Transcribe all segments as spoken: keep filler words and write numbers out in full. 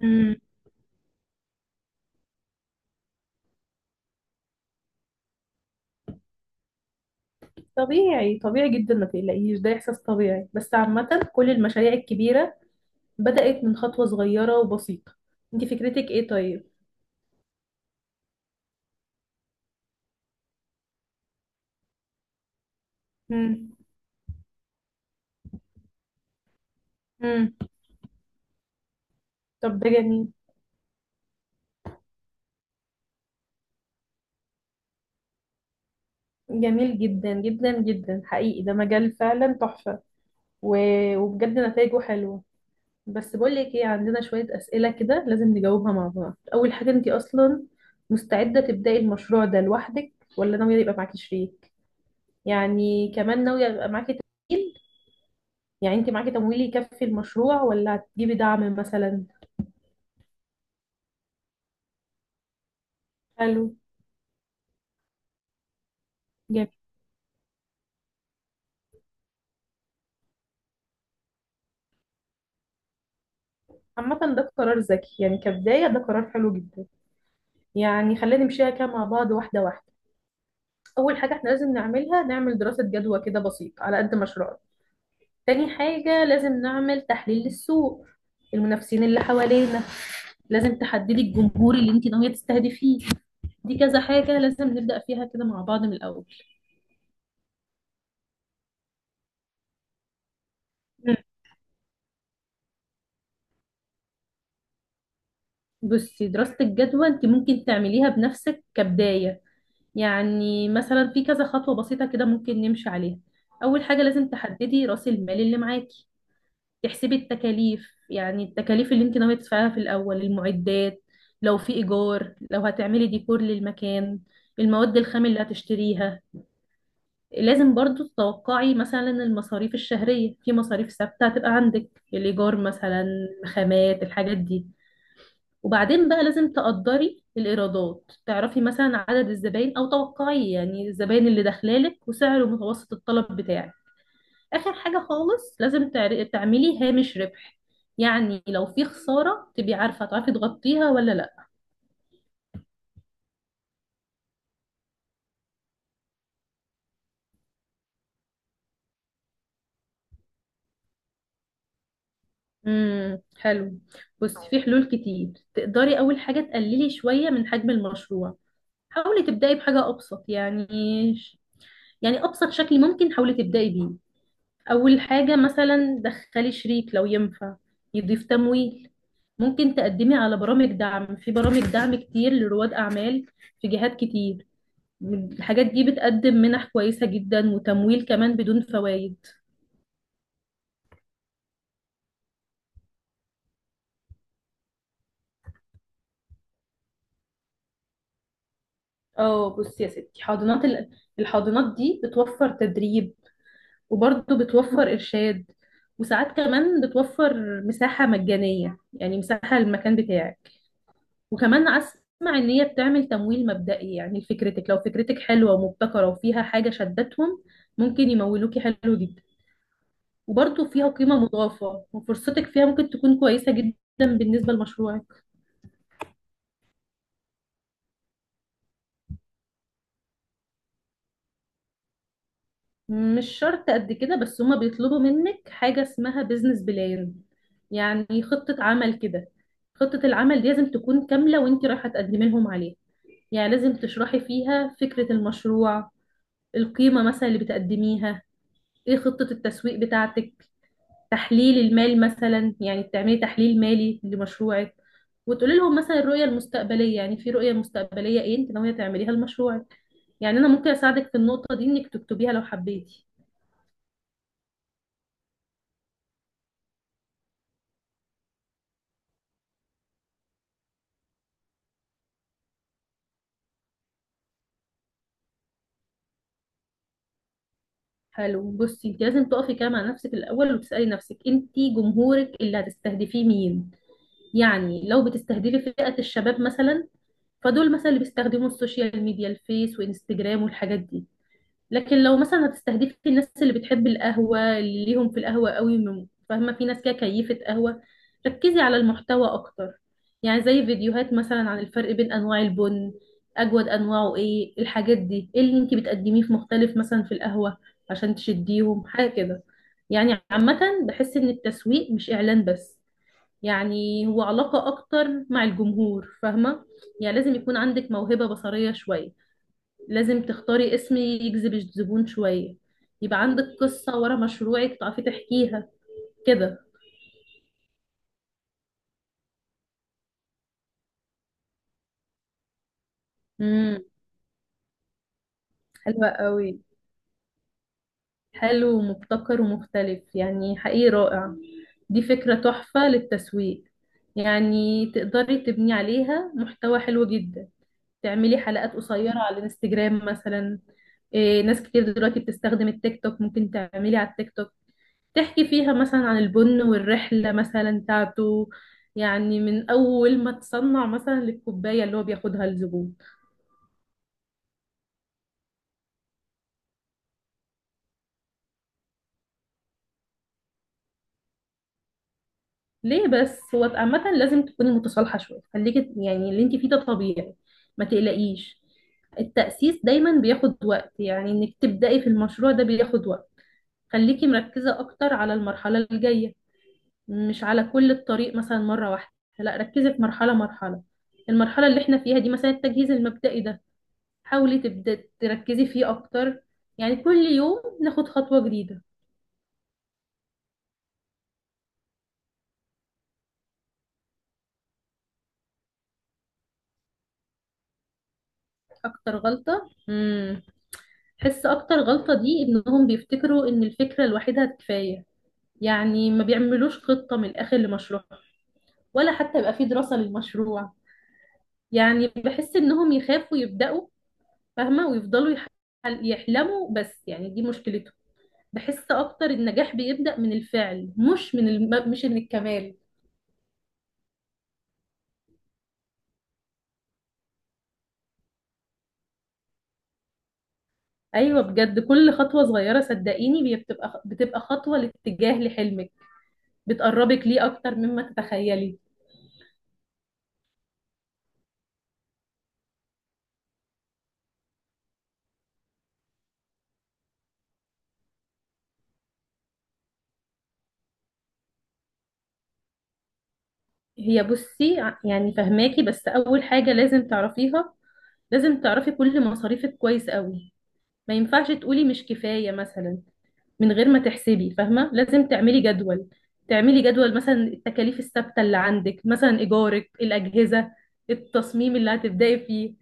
مم. طبيعي طبيعي جدا، ما تقلقيش، ده إحساس طبيعي. بس عامة كل المشاريع الكبيرة بدأت من خطوة صغيرة وبسيطة. انت فكرتك ايه طيب؟ مم. مم. طب ده جميل. جميل جدا جدا جدا حقيقي، ده مجال فعلا تحفة. و... وبجد نتائجه حلوة. بس بقول لك ايه، عندنا شوية أسئلة كده لازم نجاوبها مع بعض. أول حاجة، انت أصلا مستعدة تبدأي المشروع ده لوحدك ولا ناوية يبقى معاكي شريك؟ يعني كمان ناوية يبقى معاكي، يعني انت معاكي تمويل يكفي المشروع ولا هتجيبي دعم مثلا؟ حلو. جميل. عامة ده قرار ذكي، يعني كبداية ده قرار حلو جدا. يعني خلينا نمشيها كده مع بعض واحدة واحدة. أول حاجة احنا لازم نعملها، نعمل دراسة جدوى كده بسيطة على قد مشروعنا. تاني حاجة لازم نعمل تحليل للسوق، المنافسين اللي حوالينا. لازم تحددي الجمهور اللي انت ناوية تستهدفيه. دي كذا حاجة لازم نبدأ فيها كده مع بعض من الأول. مم. بصي، دراسة الجدوى انت ممكن تعمليها بنفسك كبداية. يعني مثلا في كذا خطوة بسيطة كده ممكن نمشي عليها. أول حاجة لازم تحددي رأس المال اللي معاكي، تحسبي التكاليف، يعني التكاليف اللي انت ناوية تدفعيها في الأول، المعدات، لو في إيجار، لو هتعملي ديكور للمكان، المواد الخام اللي هتشتريها. لازم برضو تتوقعي مثلا المصاريف الشهرية. في مصاريف ثابتة هتبقى عندك، الإيجار مثلا، خامات، الحاجات دي. وبعدين بقى لازم تقدري الإيرادات، تعرفي مثلا عدد الزباين أو توقعي يعني الزباين اللي داخلالك وسعر متوسط الطلب بتاعك. آخر حاجة خالص لازم تعر- تعملي هامش ربح، يعني لو في خسارة تبقي عارفة تعرفي تغطيها ولا لأ. امم حلو. بصي في حلول كتير تقدري. أول حاجة تقللي شوية من حجم المشروع، حاولي تبدأي بحاجة أبسط، يعني يعني أبسط شكل ممكن حاولي تبدأي بيه. أول حاجة مثلا دخلي شريك لو ينفع يضيف تمويل. ممكن تقدمي على برامج دعم، في برامج دعم كتير لرواد أعمال، في جهات كتير. الحاجات دي بتقدم منح كويسة جدا وتمويل كمان بدون فوائد. اه بصي يا ستي، حاضنات ال- الحاضنات دي بتوفر تدريب، وبرضه بتوفر إرشاد، وساعات كمان بتوفر مساحة مجانية، يعني مساحة للمكان بتاعك. وكمان اسمع ان هي بتعمل تمويل مبدئي، يعني لفكرتك، لو فكرتك حلوه ومبتكره وفيها حاجه شدتهم ممكن يمولوكي. حلو جدا. وبرضه فيها قيمه مضافه، وفرصتك فيها ممكن تكون كويسه جدا بالنسبه لمشروعك. مش شرط قد كده، بس هما بيطلبوا منك حاجه اسمها بيزنس بلان، يعني خطه عمل كده. خطه العمل دي لازم تكون كامله وانت رايحه تقدمي لهم عليها. يعني لازم تشرحي فيها فكره المشروع، القيمه مثلا اللي بتقدميها، ايه خطه التسويق بتاعتك، تحليل المال مثلا، يعني بتعملي تحليل مالي لمشروعك، وتقولي لهم مثلا الرؤية المستقبلية، يعني في رؤية مستقبلية ايه انت ناوية تعمليها لمشروعك. يعني انا ممكن اساعدك في النقطة دي انك تكتبيها لو حبيتي. حلو. بصي انت لازم تقفي كده مع نفسك الاول وتسألي نفسك، انت جمهورك اللي هتستهدفيه مين؟ يعني لو بتستهدفي فئة الشباب مثلا، فدول مثلا اللي بيستخدموا السوشيال ميديا، الفيس وانستجرام والحاجات دي. لكن لو مثلا هتستهدفي الناس اللي بتحب القهوة، اللي ليهم في القهوة قوي، من- فاهمة، في ناس كده كيفة قهوة، ركزي على المحتوى أكتر، يعني زي فيديوهات مثلا عن الفرق بين أنواع البن، أجود أنواعه إيه، الحاجات دي، إيه اللي أنتي بتقدميه في مختلف مثلا في القهوة عشان تشديهم حاجة كده. يعني عامة بحس إن التسويق مش إعلان بس، يعني هو علاقة أكتر مع الجمهور، فاهمة؟ يعني لازم يكون عندك موهبة بصرية شوية، لازم تختاري اسم يجذب الزبون شوية، يبقى عندك قصة ورا مشروعك تعرفي تحكيها كده. امم حلوة قوي. حلو ومبتكر ومختلف، يعني حقيقي رائع. دي فكرة تحفة للتسويق، يعني تقدري تبني عليها محتوى حلو جدا. تعملي حلقات قصيرة على الانستجرام مثلا. إيه، ناس كتير دلوقتي بتستخدم التيك توك، ممكن تعملي على التيك توك، تحكي فيها مثلا عن البن والرحلة مثلا بتاعته، يعني من أول ما تصنع مثلا للكوباية اللي هو بياخدها الزبون. ليه بس؟ هو عامة لازم تكوني متصالحة شوية، خليكي يعني اللي انت فيه ده طبيعي، ما تقلقيش. التأسيس دايما بياخد وقت، يعني انك تبدأي في المشروع ده بياخد وقت. خليكي مركزة أكتر على المرحلة الجاية، مش على كل الطريق مثلا مرة واحدة. لا ركزي في مرحلة مرحلة. المرحلة اللي احنا فيها دي مثلا التجهيز المبدئي ده حاولي تبدأ تركزي فيه أكتر. يعني كل يوم ناخد خطوة جديدة. أكتر غلطة، امم حس أكتر غلطة دي إنهم بيفتكروا إن الفكرة لوحدها كفاية. يعني ما بيعملوش خطة من الآخر لمشروع، ولا حتى يبقى في دراسة للمشروع. يعني بحس إنهم يخافوا يبدأوا، فاهمة، ويفضلوا يح- يحلموا بس، يعني دي مشكلته. بحس أكتر النجاح بيبدأ من الفعل، مش من الم... مش من الكمال. ايوه بجد كل خطوه صغيره صدقيني بي- بتبقى بتبقى خطوه لاتجاه لحلمك، بتقربك ليه اكتر مما تتخيلي. هي بصي ع- يعني فهماكي. بس اول حاجه لازم تعرفيها، لازم تعرفي كل مصاريفك كويس قوي. ما ينفعش تقولي مش كفايه مثلا من غير ما تحسبي، فاهمه. لازم تعملي جدول، تعملي جدول مثلا التكاليف الثابته اللي عندك، مثلا ايجارك، الاجهزه، التصميم اللي هتبداي فيه.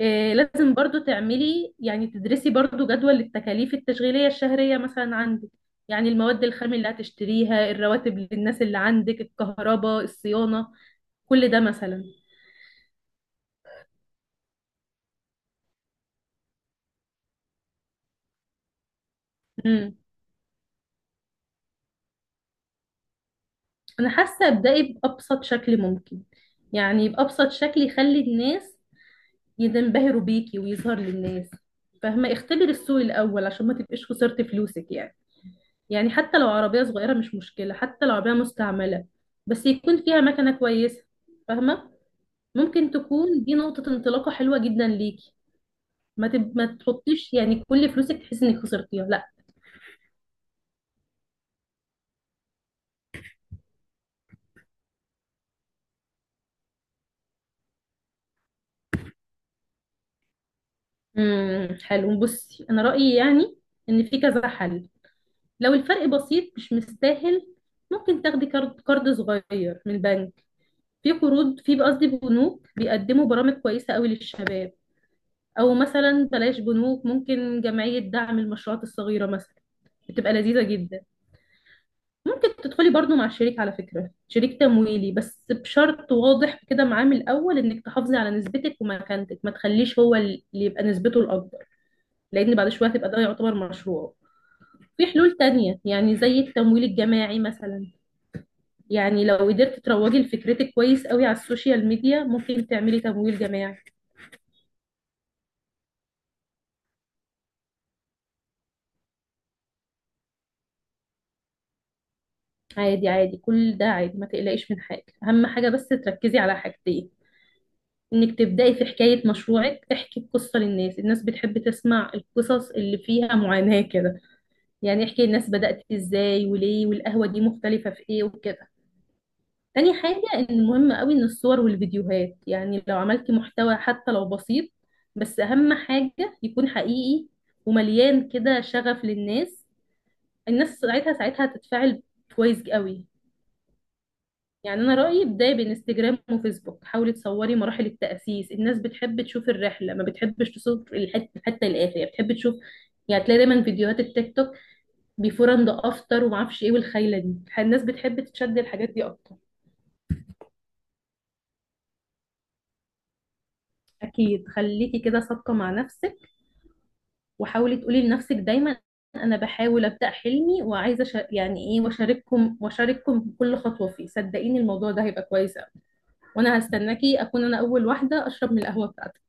آه، لازم برضو تعملي، يعني تدرسي برضو جدول التكاليف التشغيلية الشهرية مثلا عندك، يعني المواد الخام اللي هتشتريها، الرواتب للناس اللي عندك، الكهرباء، الصيانة، كل ده مثلا. امم أنا حاسة ابدأي بأبسط شكل ممكن، يعني بأبسط شكل يخلي الناس ينبهروا بيكي ويظهر للناس. فاهمة، اختبري السوق الأول عشان ما تبقيش خسرتي فلوسك. يعني يعني حتى لو عربية صغيرة مش مشكلة، حتى لو عربية مستعملة، بس يكون فيها مكنة كويسة، فاهمة. ممكن تكون دي نقطة انطلاقة حلوة جدا ليكي. ما تب... ما تحطيش يعني كل فلوسك تحسي انك خسرتيها، لا. امم حلو. بصي انا رأيي يعني ان في كذا حل. لو الفرق بسيط مش مستاهل، ممكن تاخدي كارد كارد صغير من البنك. في قروض، في قصدي بنوك بيقدموا برامج كويسة قوي للشباب. او مثلا بلاش بنوك، ممكن جمعية دعم المشروعات الصغيرة مثلا، بتبقى لذيذة جدا. ممكن تدخلي برضو مع شريك، على فكرة شريك تمويلي بس بشرط واضح كده معاه من الأول، إنك تحافظي على نسبتك ومكانتك، ما تخليش هو اللي يبقى نسبته الأكبر، لأن بعد شوية تبقى ده يعتبر مشروع. في حلول تانية يعني زي التمويل الجماعي مثلا، يعني لو قدرت تروجي لفكرتك كويس قوي على السوشيال ميديا ممكن تعملي تمويل جماعي. عادي عادي، كل ده عادي، ما تقلقيش من حاجة. أهم حاجة بس تركزي على حاجتين، إنك تبدأي في حكاية مشروعك، احكي القصة للناس، الناس بتحب تسمع القصص اللي فيها معاناة كده. يعني احكي الناس بدأت إزاي وليه، والقهوة دي مختلفة في إيه وكده. تاني حاجة إن مهم قوي إن الصور والفيديوهات، يعني لو عملتي محتوى حتى لو بسيط بس أهم حاجة يكون حقيقي ومليان كده شغف للناس، الناس ساعتها ساعتها هتتفاعل كويس قوي. يعني انا رايي بدايه بانستجرام وفيسبوك، حاولي تصوري مراحل التاسيس، الناس بتحب تشوف الرحله ما بتحبش تصور الحته حتى الاخر، يعني بتحب تشوف. يعني تلاقي دايما فيديوهات التيك توك بيفور اند افتر وما اعرفش ايه والخيله دي، الناس بتحب تشد الحاجات دي اكتر. اكيد، خليكي كده صادقه مع نفسك، وحاولي تقولي لنفسك دايما انا بحاول ابدا حلمي وعايزه أشا- يعني ايه واشارككم واشارككم كل خطوه فيه. صدقيني الموضوع ده هيبقى كويس أوي. وانا هستناكي اكون انا اول واحده اشرب من القهوه بتاعتك.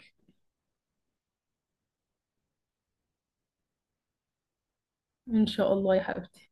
ان شاء الله يا حبيبتي.